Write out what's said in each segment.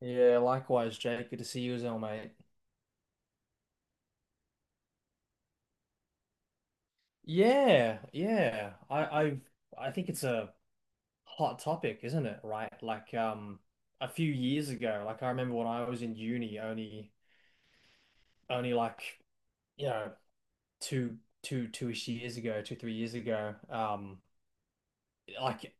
Yeah, likewise, Jake. Good to see you as well, mate. Yeah, yeah. I I think it's a hot topic, isn't it? Right? Like a few years ago, like I remember when I was in uni only like, you know, two two-ish years ago, two, 3 years ago, like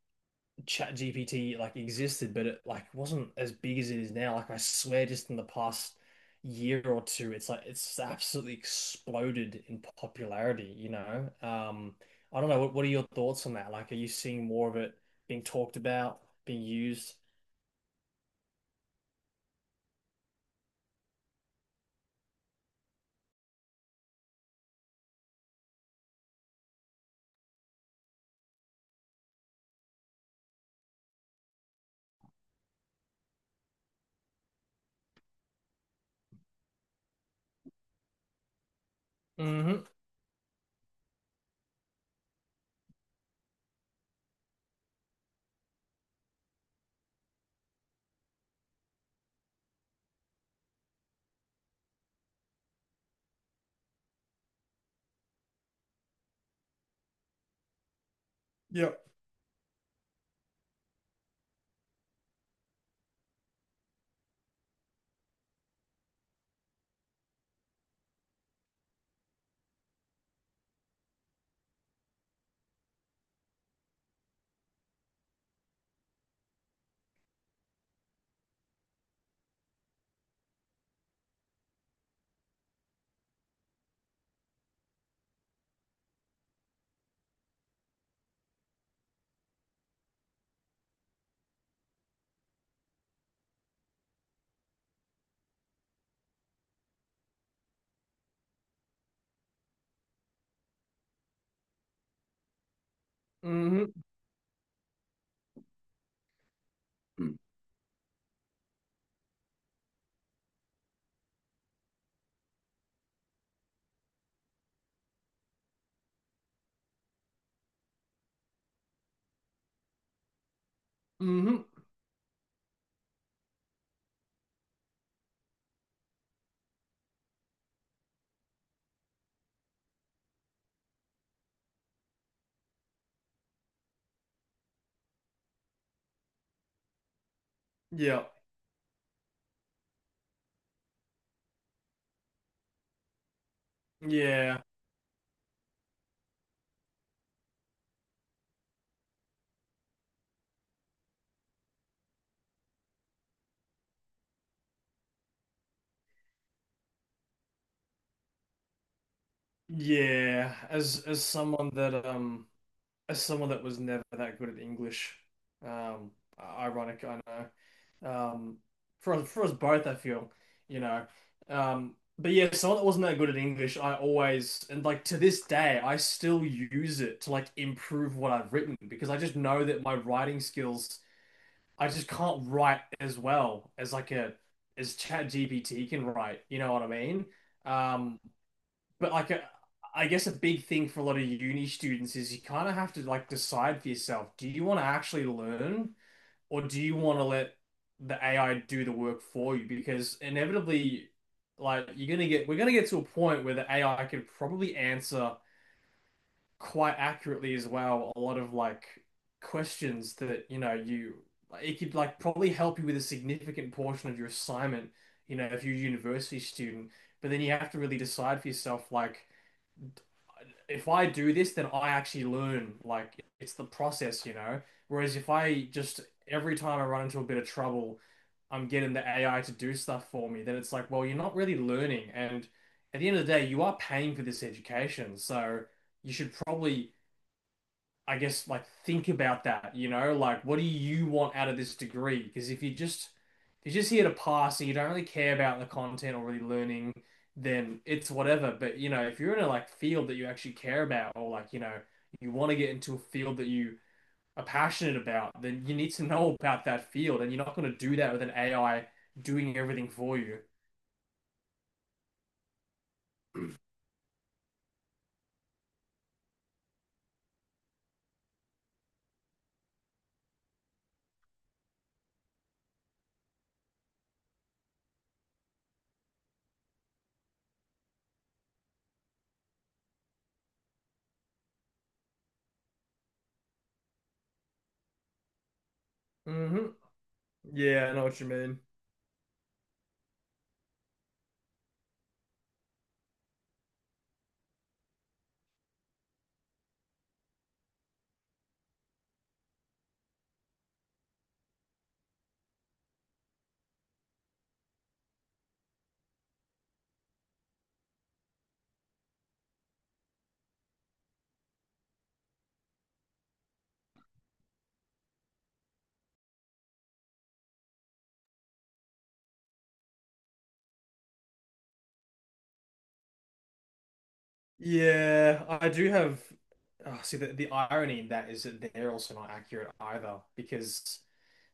Chat GPT like existed, but it like wasn't as big as it is now. Like I swear, just in the past year or two, it's like it's absolutely exploded in popularity, you know? I don't know, what are your thoughts on that? Like, are you seeing more of it being talked about, being used? Hmm. Yeah. Hmm. Hmm. Yeah. Yeah. Yeah. As someone that as someone that was never that good at English, um ironic, I know. um, for us both, I feel, you know. But yeah, someone that wasn't that good at English, I always and like to this day, I still use it to like improve what I've written because I just know that my writing skills, I just can't write as well as like a as ChatGPT can write. You know what I mean? Um, but like a, I guess a big thing for a lot of uni students is you kind of have to like decide for yourself, do you want to actually learn? Or do you want to let the AI do the work for you? Because inevitably, we're gonna get to a point where the AI could probably answer quite accurately as well a lot of like questions that you know you like, it could like probably help you with a significant portion of your assignment, you know, if you're a university student. But then you have to really decide for yourself, like if I do this, then I actually learn. Like it's the process, you know? Whereas if I just every time I run into a bit of trouble, I'm getting the AI to do stuff for me, then it's like, well, you're not really learning. And at the end of the day, you are paying for this education. So you should probably I guess like think about that, you know, like what do you want out of this degree? Because if you're just here to pass and you don't really care about the content or really learning, then it's whatever. But you know, if you're in a like field that you actually care about or like, you know, you want to get into a field that you are passionate about, then you need to know about that field and you're not going to do that with an AI doing everything for you. Hmm. Yeah, I know what you mean. Yeah, I do have. Oh, see, the irony in that is that they're also not accurate either because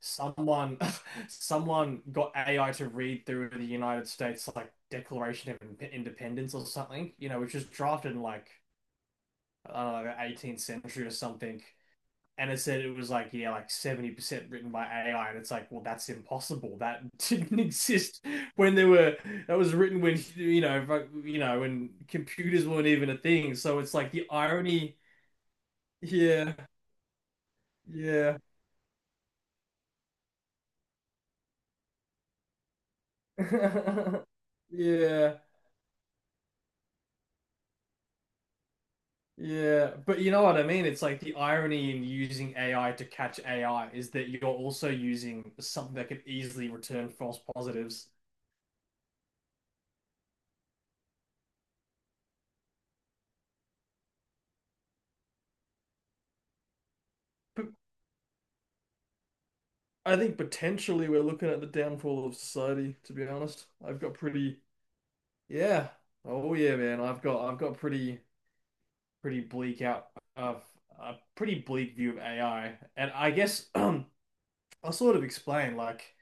someone someone got AI to read through the United States like Declaration of Independence or something, you know, which was drafted in like I don't know, the 18th century or something. And it said it was like, yeah, like 70% written by AI. And it's like, well, that's impossible. That didn't exist when there were, that was written when, you know, when computers weren't even a thing. So it's like the irony. Yeah. Yeah. Yeah. Yeah. But you know what I mean? It's like the irony in using AI to catch AI is that you're also using something that could easily return false positives. I think potentially we're looking at the downfall of society, to be honest. Yeah. Oh yeah, man. I've got pretty pretty bleak out of a pretty bleak view of AI. And I guess I'll sort of explain like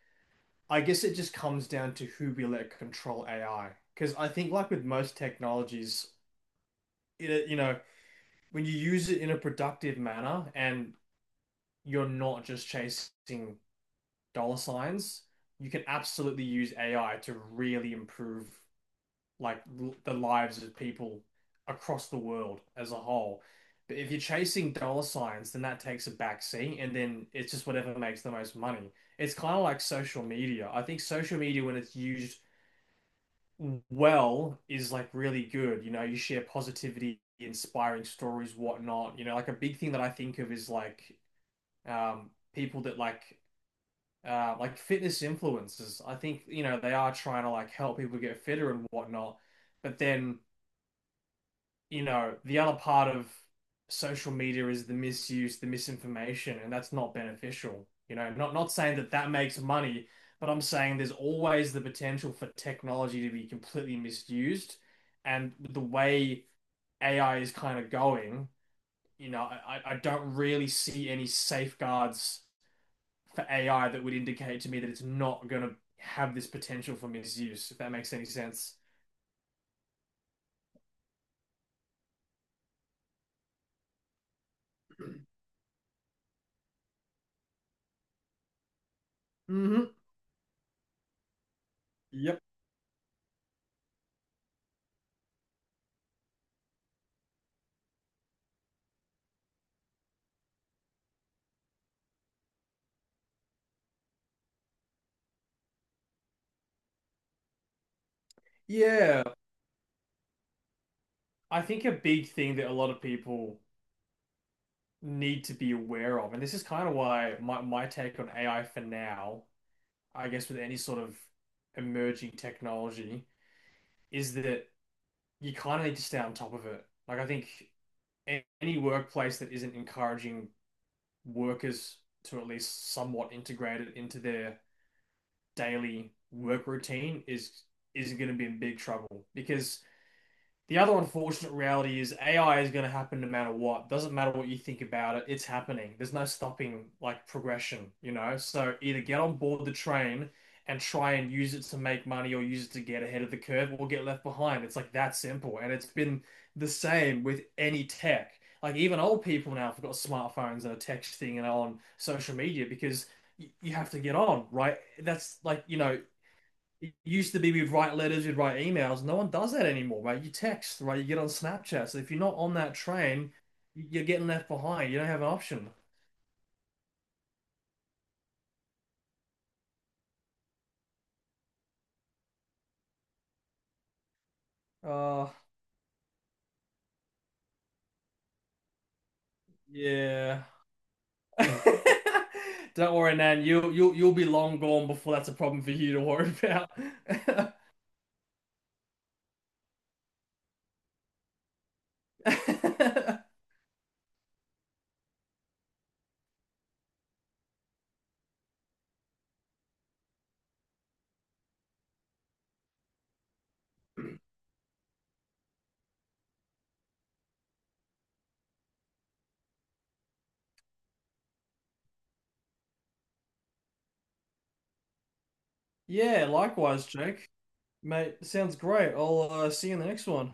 I guess it just comes down to who we let control AI. Because I think like with most technologies, you know, when you use it in a productive manner and you're not just chasing dollar signs, you can absolutely use AI to really improve the lives of people across the world as a whole. But if you're chasing dollar signs, then that takes a back seat, and then it's just whatever makes the most money. It's kind of like social media. I think social media, when it's used well, is like really good. You know, you share positivity, inspiring stories, whatnot. You know, like a big thing that I think of is like people that like fitness influencers. I think, you know, they are trying to like help people get fitter and whatnot. But then, you know, the other part of social media is the misuse, the misinformation, and that's not beneficial. You know, not saying that that makes money, but I'm saying there's always the potential for technology to be completely misused. And with the way AI is kind of going, you know, I don't really see any safeguards for AI that would indicate to me that it's not going to have this potential for misuse, if that makes any sense. Mm-hmm. Yep. Yeah, I think a big thing that a lot of people need to be aware of, and this is kind of why my take on AI for now, I guess with any sort of emerging technology, is that you kind of need to stay on top of it. Like, I think any workplace that isn't encouraging workers to at least somewhat integrate it into their daily work routine is going to be in big trouble because the other unfortunate reality is AI is going to happen no matter what. Doesn't matter what you think about it, it's happening. There's no stopping like progression, you know? So either get on board the train and try and use it to make money or use it to get ahead of the curve or get left behind. It's like that simple. And it's been the same with any tech. Like even old people now have got smartphones and are texting and on social media because you have to get on, right? That's like, you know, it used to be we'd write letters, we'd write emails. No one does that anymore, right? You text, right? You get on Snapchat. So if you're not on that train, you're getting left behind. You don't have an option. Uh, yeah. Don't worry, Nan. You'll be long gone before that's a problem for you to worry about. Yeah, likewise, Jake. Mate, sounds great. I'll see you in the next one.